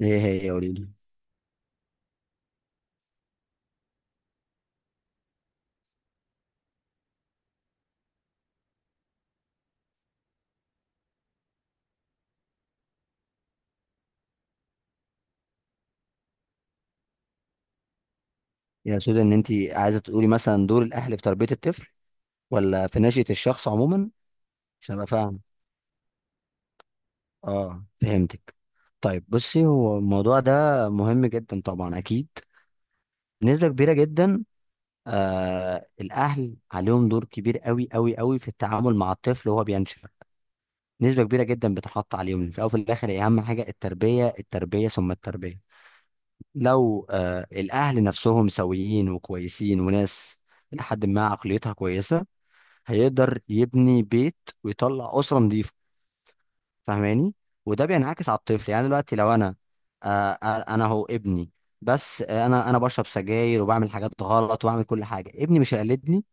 ايه هي؟ قوليلي، يا سودا، ان انت عايزه تقولي مثلا دور الاهل في تربيه الطفل، ولا في نشأة الشخص عموما؟ عشان ابقى فاهم. اه، فهمتك. طيب، بصي، هو الموضوع ده مهم جدا طبعا، اكيد، بنسبه كبيره جدا. الاهل عليهم دور كبير قوي قوي قوي في التعامل مع الطفل وهو بينشأ. نسبه كبيره جدا بتحط عليهم. في الاول وفي الاخر هي اهم حاجه: التربيه، التربيه، ثم التربيه. لو الاهل نفسهم سويين وكويسين وناس، لحد ما عقليتها كويسه، هيقدر يبني بيت ويطلع اسره نظيفه. فاهماني؟ وده بينعكس على الطفل. يعني دلوقتي لو انا آه آه، انا هو ابني، بس انا بشرب سجاير وبعمل حاجات غلط وبعمل كل حاجه، ابني مش هيقلدني؟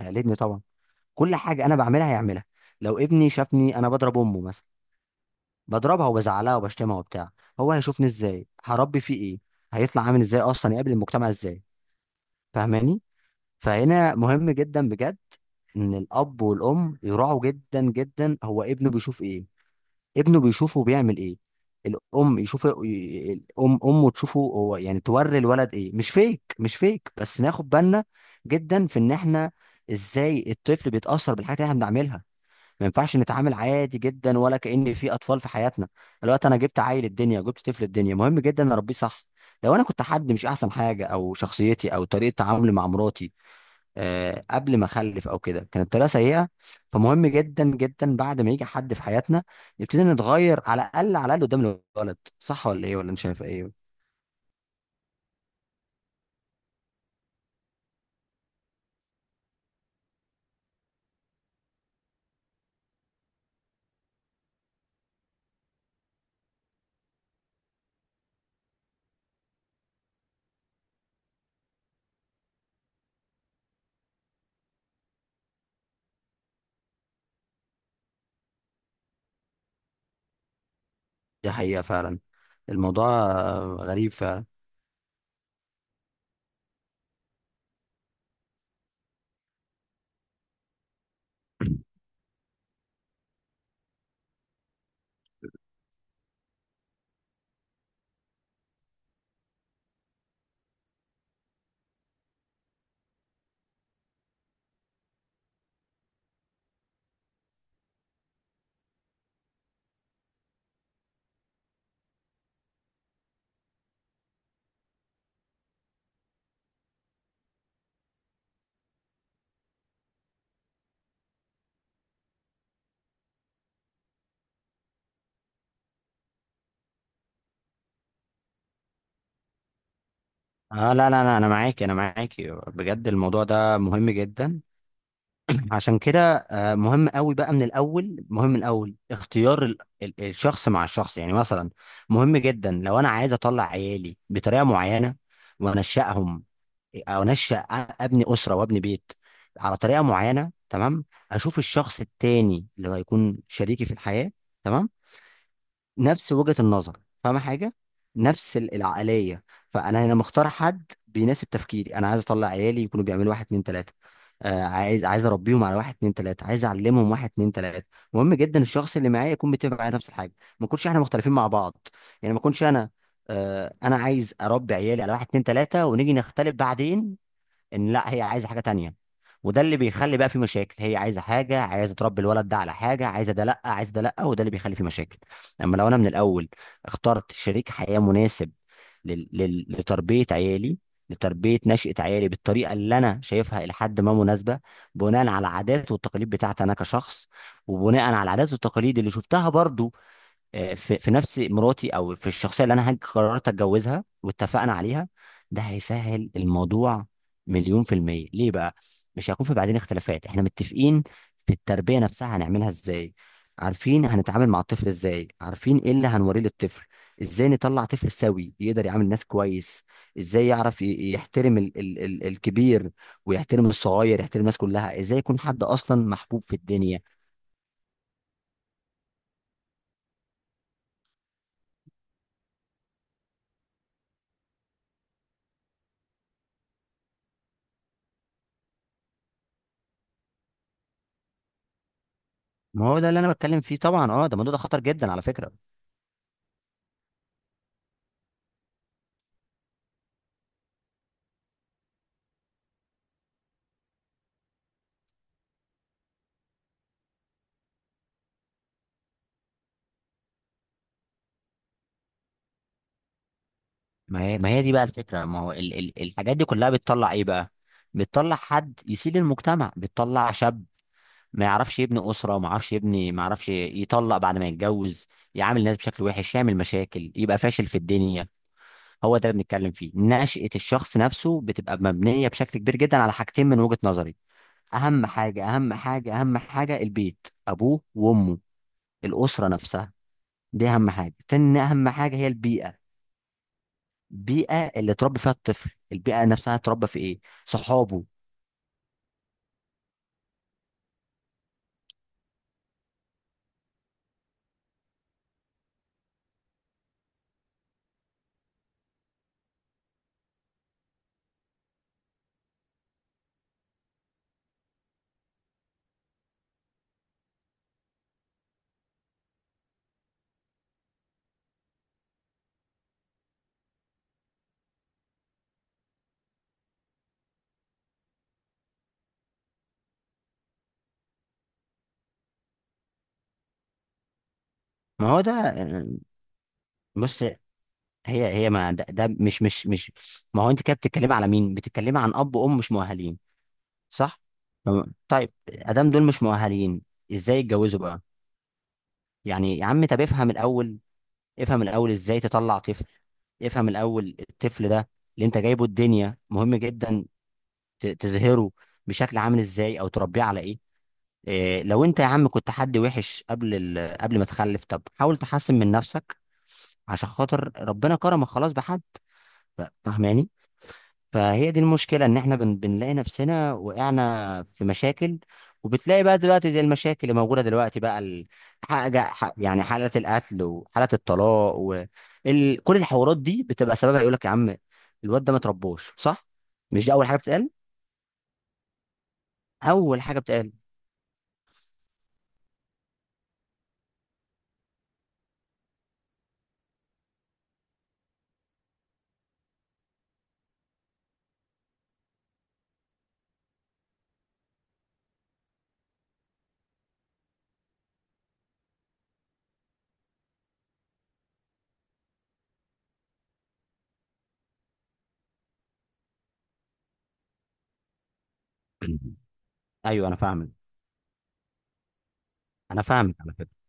هيقلدني طبعا. كل حاجه انا بعملها هيعملها. لو ابني شافني انا بضرب امه مثلا، بضربها وبزعلها وبشتمها وبتاع، هو هيشوفني ازاي؟ هربي فيه ايه؟ هيطلع عامل ازاي؟ اصلا يقابل المجتمع ازاي؟ فاهماني؟ فهنا مهم جدا بجد ان الاب والام يراعوا جدا جدا هو ابنه بيشوف ايه، ابنه بيشوفه بيعمل ايه. الام يشوف، الام امه تشوفه هو، يعني توري الولد ايه، مش فيك مش فيك، بس ناخد بالنا جدا في ان احنا ازاي الطفل بيتاثر بالحاجات اللي احنا بنعملها. ما ينفعش نتعامل عادي جدا ولا كأن في اطفال في حياتنا. دلوقتي انا جبت عيل الدنيا، جبت طفل الدنيا، مهم جدا اربيه صح. لو انا كنت حد مش احسن حاجه، او شخصيتي او طريقه تعاملي مع مراتي قبل ما اخلف او كده كانت طريقه سيئه، فمهم جدا جدا بعد ما يجي حد في حياتنا نبتدي نتغير، على الاقل على الاقل قدام الولد. صح ولا ايه؟ ولا انت شايف ايه؟ دي حقيقه فعلا. الموضوع غريب فعلا. اه، لا لا لا، انا معاكي، انا معاكي بجد. الموضوع ده مهم جدا. عشان كده مهم قوي بقى، من الاول، مهم من الاول، اختيار الشخص مع الشخص، يعني مثلا، مهم جدا لو انا عايز اطلع عيالي بطريقه معينه وانشأهم، او انشأ، ابني اسره وابني بيت على طريقه معينه، تمام. اشوف الشخص التاني اللي هو هيكون شريكي في الحياه، تمام، نفس وجهه النظر، فاهمه حاجه، نفس العقليه. فانا هنا مختار حد بيناسب تفكيري، انا عايز اطلع عيالي يكونوا بيعملوا واحد اتنين تلاته، عايز اربيهم على واحد اتنين تلاته، عايز اعلمهم واحد اتنين تلاته. مهم جدا الشخص اللي معايا يكون متفق معايا نفس الحاجه، ما نكونش احنا مختلفين مع بعض. يعني ما اكونش انا عايز اربي عيالي على واحد اتنين تلاته ونيجي نختلف بعدين، ان لا هي عايزه حاجه تانية، وده اللي بيخلي بقى في مشاكل. هي عايزه حاجه، عايزه تربي الولد ده على حاجه، عايزه ده لا، عايزه ده لا. وده اللي بيخلي في مشاكل. اما لو انا من الاول اخترت شريك حياه مناسب لتربيه عيالي، لتربيه نشأة عيالي بالطريقه اللي انا شايفها الى حد ما مناسبه، بناء على العادات والتقاليد بتاعتي انا كشخص، وبناء على العادات والتقاليد اللي شفتها برضو، في نفس مراتي او في الشخصيه اللي انا قررت اتجوزها واتفقنا عليها، ده هيسهل الموضوع مليون في المية. ليه بقى؟ مش هيكون في بعدين اختلافات، احنا متفقين في التربية نفسها هنعملها ازاي. عارفين هنتعامل مع الطفل ازاي، عارفين ايه اللي هنوريه للطفل، ازاي نطلع طفل سوي يقدر يعامل الناس كويس، ازاي يعرف يحترم ال ال ال الكبير، ويحترم الصغير، يحترم الناس كلها، ازاي يكون حد اصلا محبوب في الدنيا. ما هو ده اللي انا بتكلم فيه طبعا. اه، ده الموضوع ده خطر جدا على فكرة. ما هي دي بقى الفكرة، ما هو ال ال الحاجات دي كلها بتطلع ايه بقى؟ بتطلع حد يسيل المجتمع، بتطلع شاب ما يعرفش يبني أسرة، ما يعرفش يبني، ما يعرفش يطلق بعد ما يتجوز، يعامل الناس بشكل وحش، يعمل مشاكل، يبقى فاشل في الدنيا. هو ده اللي بنتكلم فيه. نشأة الشخص نفسه بتبقى مبنية بشكل كبير جدا على حاجتين من وجهة نظري. أهم حاجة، أهم حاجة، أهم حاجة: البيت، أبوه وأمه، الأسرة نفسها. دي أهم حاجة. تاني أهم حاجة هي البيئة، البيئه اللي اتربى فيها الطفل، البيئه نفسها اتربى في ايه، صحابه. ما هو ده بص، هي ما ده مش، ما هو انت كده بتتكلمي على مين، بتتكلمي عن اب وام مش مؤهلين. صح. تمام. طيب، ادام دول مش مؤهلين ازاي يتجوزوا بقى؟ يعني يا عم، طب افهم الاول، افهم الاول ازاي تطلع طفل، افهم الاول الطفل ده اللي انت جايبه الدنيا مهم جدا تظهره بشكل عامل ازاي، او تربيه على ايه. إيه، لو انت يا عم كنت حد وحش قبل ما تخلف، طب حاول تحسن من نفسك عشان خاطر ربنا كرمك خلاص بحد. فاهماني؟ فهي دي المشكلة ان احنا بنلاقي نفسنا وقعنا في مشاكل، وبتلاقي بقى دلوقتي زي المشاكل اللي موجودة دلوقتي بقى يعني حالة القتل وحالة الطلاق كل الحوارات دي بتبقى سببها. يقول لك يا عم، الواد ده ما تربوش صح؟ مش دي اول حاجة بتتقال؟ اول حاجة بتتقال. ايوه، انا فاهمك، انا فاهمك على فكرة.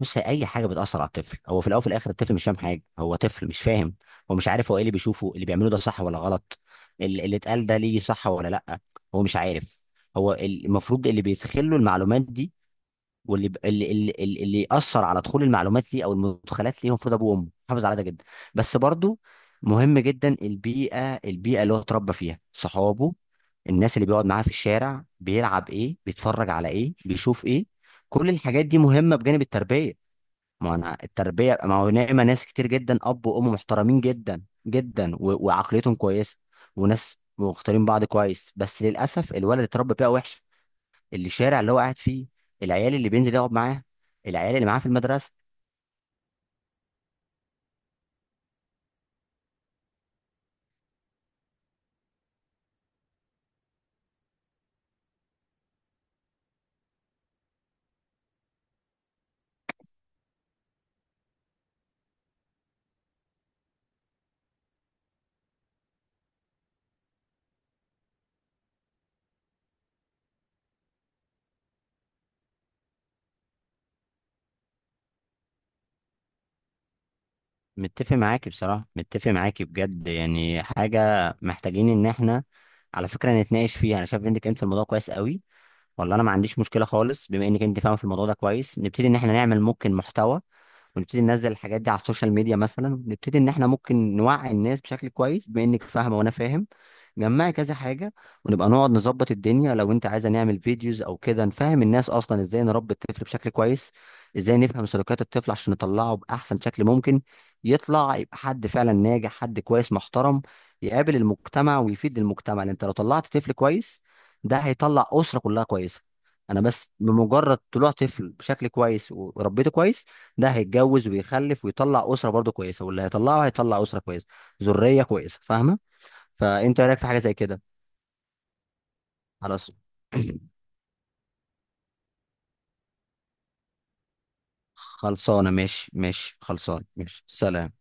بص، هي اي حاجه بتاثر على الطفل، هو في الاول وفي الاخر الطفل مش فاهم حاجه، هو طفل مش فاهم. هو مش عارف هو ايه اللي بيشوفه، اللي بيعمله ده صح ولا غلط، اللي اتقال ده ليه صح ولا لا، هو مش عارف. هو المفروض اللي بيدخل له المعلومات دي، واللي اللي ياثر على دخول المعلومات ليه او المدخلات ليه، هو المفروض ابوه وامه. حافظ على ده جدا. بس برضو مهم جدا البيئه، البيئه اللي هو اتربى فيها، صحابه، الناس اللي بيقعد معاها في الشارع، بيلعب ايه، بيتفرج على ايه، بيشوف ايه، كل الحاجات دي مهمه بجانب التربيه. ما انا التربيه، ما هو نعمه ناس كتير جدا اب وام محترمين جدا جدا، و... وعقليتهم كويسه، وناس مختارين بعض كويس، بس للاسف الولد اللي اتربى بيئه وحشه، اللي الشارع اللي هو قاعد فيه، العيال اللي بينزل يقعد معاه، العيال اللي معاه في المدرسه. متفق معاكي بصراحه، متفق معاكي بجد يعني. حاجه محتاجين ان احنا على فكره نتناقش فيها. انا شايف انك انت في الموضوع كويس قوي. والله انا ما عنديش مشكله خالص. بما انك انت فاهمه في الموضوع ده كويس، نبتدي ان احنا نعمل ممكن محتوى، ونبتدي ننزل الحاجات دي على السوشيال ميديا مثلا. نبتدي ان احنا ممكن نوعي الناس بشكل كويس، بما انك فاهمه وانا فاهم، جمعي كذا حاجة، ونبقى نقعد نظبط الدنيا. لو انت عايزة نعمل فيديوز او كده، نفهم الناس اصلا ازاي نربي الطفل بشكل كويس، ازاي نفهم سلوكيات الطفل عشان نطلعه بأحسن شكل ممكن، يطلع يبقى حد فعلا ناجح، حد كويس محترم، يقابل المجتمع ويفيد المجتمع. لان انت لو طلعت طفل كويس، ده هيطلع أسرة كلها كويسة. انا بس بمجرد طلوع طفل بشكل كويس وربيته كويس، ده هيتجوز ويخلف ويطلع أسرة برضه كويسة، واللي هيطلعه هيطلع أسرة كويسة، ذرية كويسة. فاهمة؟ فانت إيه رايك في حاجه زي كده؟ خلاص. خلصانه، ماشي، ماشي، خلصانه، ماشي، سلام.